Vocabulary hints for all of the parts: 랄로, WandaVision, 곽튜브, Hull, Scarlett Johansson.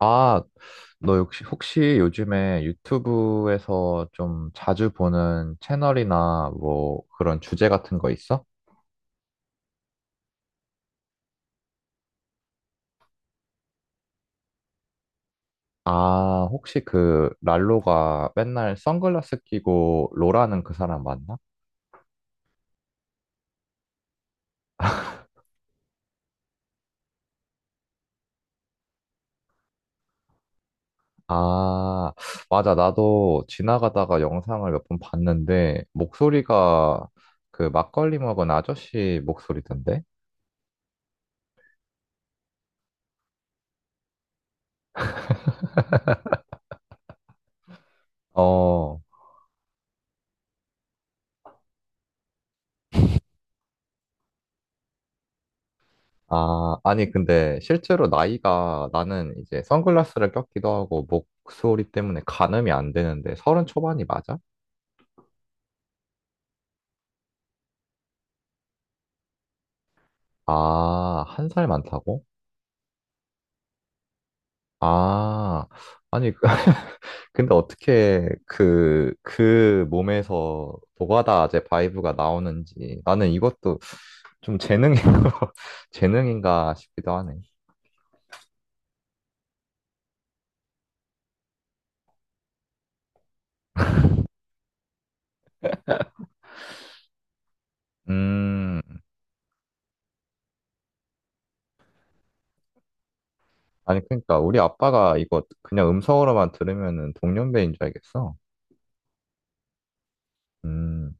아, 너 혹시 요즘에 유튜브에서 좀 자주 보는 채널이나 뭐 그런 주제 같은 거 있어? 아, 혹시 그 랄로가 맨날 선글라스 끼고 로라는 그 사람 맞나? 아, 맞아. 나도 지나가다가 영상을 몇 번 봤는데 목소리가 그 막걸리 먹은 아저씨 목소리던데? 어. 아, 아니, 근데 실제로 나이가 나는 이제 선글라스를 꼈기도 하고 목소리 때문에 가늠이 안 되는데 서른 초반이 맞아? 아, 한 살 많다고? 아, 아니, 근데 어떻게 그 몸에서 노가다제 바이브가 나오는지 나는 이것도 좀 재능인, 재능인가 싶기도 하네. 음, 아니, 그러니까 우리 아빠가 이거 그냥 음성으로만 들으면은 동년배인 줄 알겠어. 음.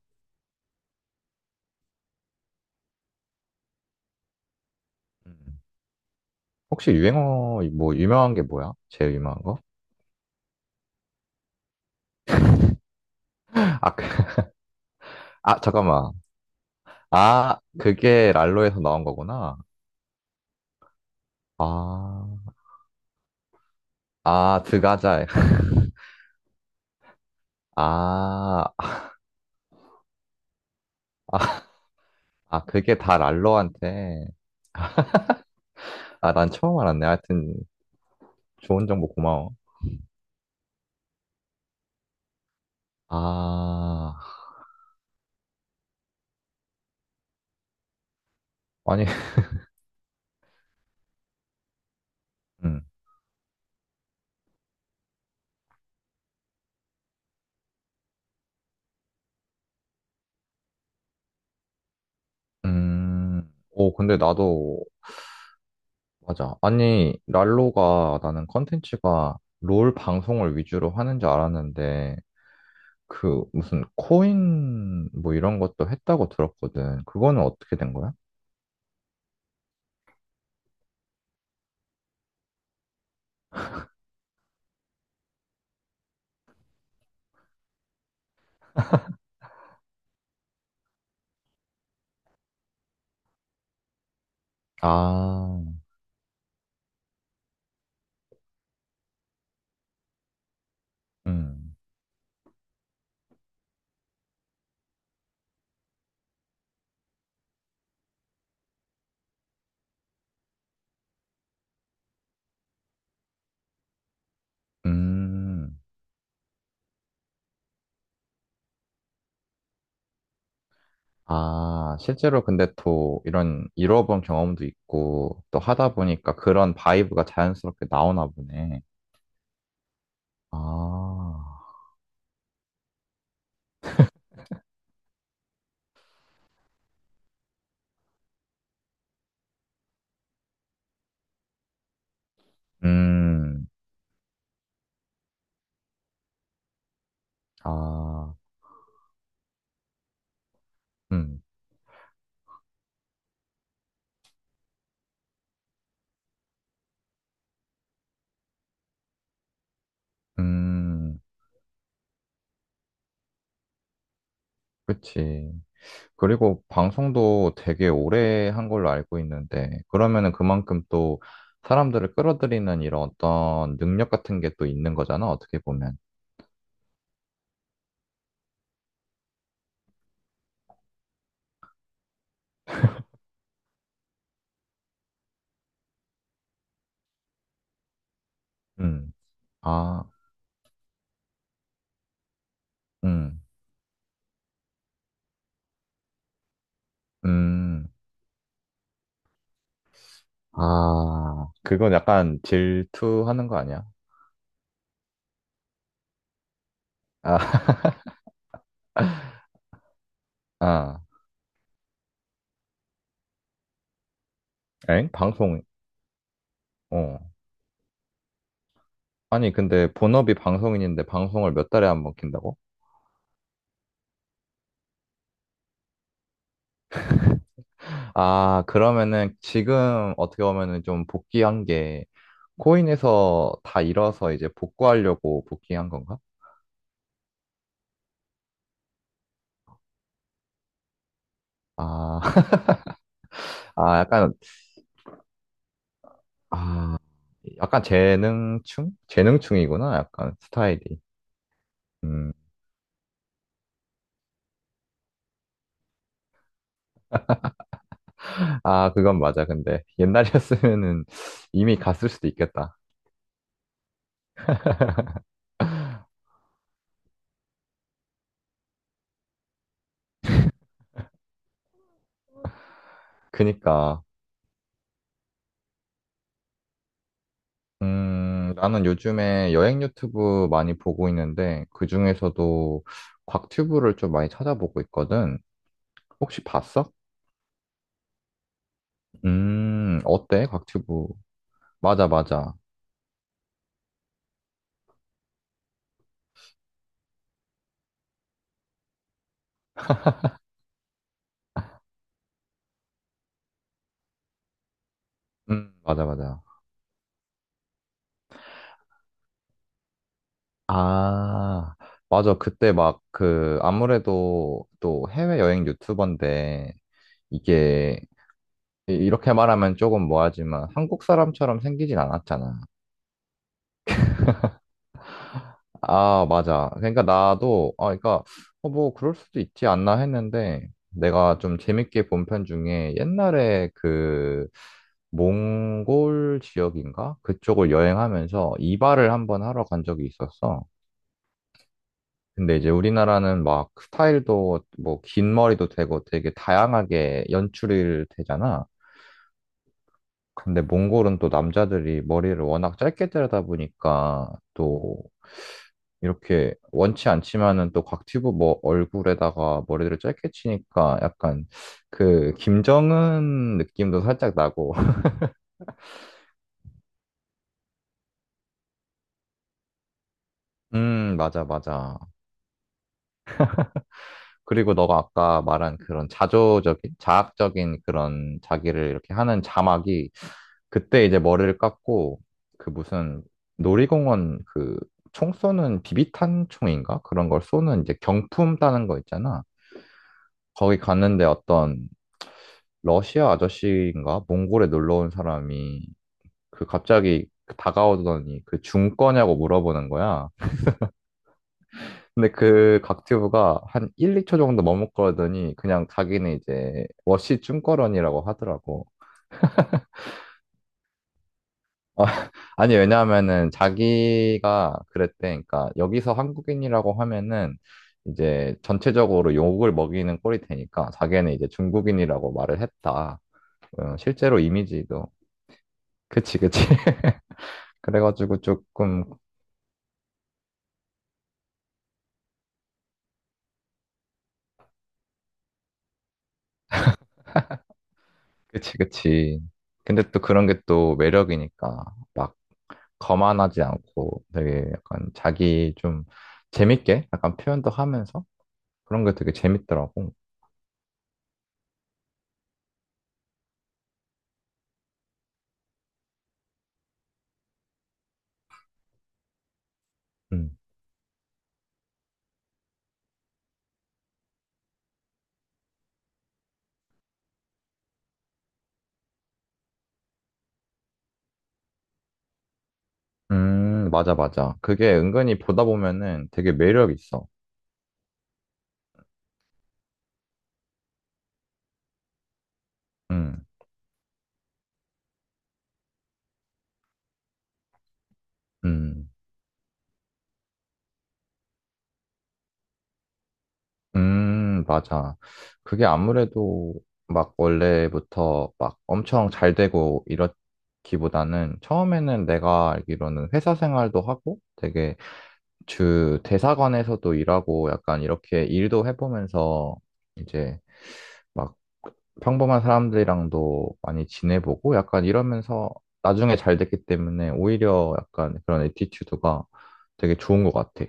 음. 혹시 유행어 뭐 유명한 게 뭐야? 제일 유명한 거? 아, 그, 아 잠깐만. 아 그게 랄로에서 나온 거구나. 아, 아 드가자. 아, 아, 아 그게 다 랄로한테. 아 난 처음 알았네. 하여튼 좋은 정보 고마워. 아 아니 음, 오 근데 나도 맞아. 아니 랄로가 나는 컨텐츠가 롤 방송을 위주로 하는 줄 알았는데. 그 무슨 코인 뭐 이런 것도 했다고 들었거든. 그거는 어떻게 된 거야? 아, 음, 음. 아, 실제로 근데 또 이런 잃어본 경험도 있고 또 하다 보니까 그런 바이브가 자연스럽게 나오나 보네. 아, 음, 아, 음, 음, 그치. 그리고 방송도 되게 오래 한 걸로 알고 있는데, 그러면은 그만큼 또 사람들을 끌어들이는 이런 어떤 능력 같은 게 또 있는 거잖아, 어떻게 보면. 음, 아, 음, 음, 아, 그건 약간 질투하는 거 아니야? 아, 아, 엥? 방송, 어. 아니, 근데 본업이 방송인인데 방송을 몇 달에 한 번 킨다고? 아, 그러면은 지금 어떻게 보면은 좀 복귀한 게 코인에서 다 잃어서 이제 복구하려고 복귀한 건가? 아, 아, 약간, 아, 약간 재능충? 재능충이구나. 약간 스타일이. 음. 아, 그건 맞아. 근데 옛날이었으면은 이미 갔을 수도 있겠다. 그니까. 나는 요즘에 여행 유튜브 많이 보고 있는데 그중에서도 곽튜브를 좀 많이 찾아보고 있거든. 혹시 봤어? 어때? 곽튜브. 맞아. 음, 맞아. 아, 맞아. 그때 막 그, 아무래도 또 해외여행 유튜버인데, 이게, 이렇게 말하면 조금 뭐하지만, 한국 사람처럼 생기진 않았잖아. 아, 맞아. 그러니까 나도, 아, 그러니까, 어, 뭐, 그럴 수도 있지 않나 했는데, 내가 좀 재밌게 본 편 중에 옛날에 그, 몽골 지역인가? 그쪽을 여행하면서 이발을 한번 하러 간 적이 있었어. 근데 이제 우리나라는 막 스타일도 뭐, 긴 머리도 되고 되게 다양하게 연출이 되잖아. 근데 몽골은 또 남자들이 머리를 워낙 짧게 자르다 보니까 또 이렇게 원치 않지만은 또 곽튜브 뭐 얼굴에다가 머리를 짧게 치니까 약간 그 김정은 느낌도 살짝 나고. 음, 맞아. 그리고 너가 아까 말한 그런 자조적인, 자학적인 그런 자기를 이렇게 하는 자막이 그때 이제 머리를 깎고 그 무슨 놀이공원 그 총 쏘는 비비탄 총인가? 그런 걸 쏘는 이제 경품 따는 거 있잖아. 거기 갔는데 어떤 러시아 아저씨인가? 몽골에 놀러 온 사람이 그 갑자기 그 다가오더니 그 중 거냐고 물어보는 거야. 근데 그 각튜브가 한 1, 2초 정도 머뭇거리더니 그냥 자기는 이제 워시 중거런이라고 하더라고. 아, 아니 왜냐하면은 자기가 그랬대. 그러니까 여기서 한국인이라고 하면은 이제 전체적으로 욕을 먹이는 꼴이 되니까 자기는 이제 중국인이라고 말을 했다. 어, 실제로 이미지도 그치, 그치. 그래가지고 조금 그치, 그치. 근데 또 그런 게 또 매력이니까 막 거만하지 않고 되게 약간 자기 좀 재밌게 약간 표현도 하면서 그런 게 되게 재밌더라고. 음. 음, 맞아. 그게 은근히 보다 보면은 되게 매력 있어. 음, 음, 맞아. 그게 아무래도 막 원래부터 막 엄청 잘 되고 이렇기보다는 처음에는 내가 알기로는 회사 생활도 하고 되게 주 대사관에서도 일하고 약간 이렇게 일도 해보면서 이제 막 평범한 사람들이랑도 많이 지내보고 약간 이러면서 나중에 잘 됐기 때문에 오히려 약간 그런 애티튜드가 되게 좋은 것 같아.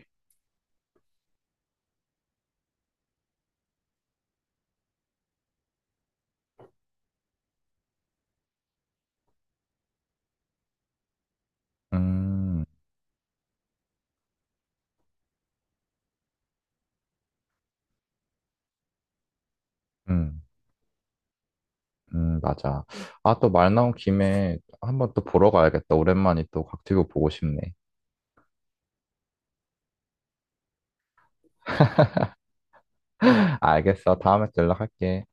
음, 음. 맞아. 음. 아, 또 말 나온 김에 한번 또 보러 가야겠다. 오랜만에 또 곽튜브 보고 싶네. 알겠어. 다음에 또 연락할게.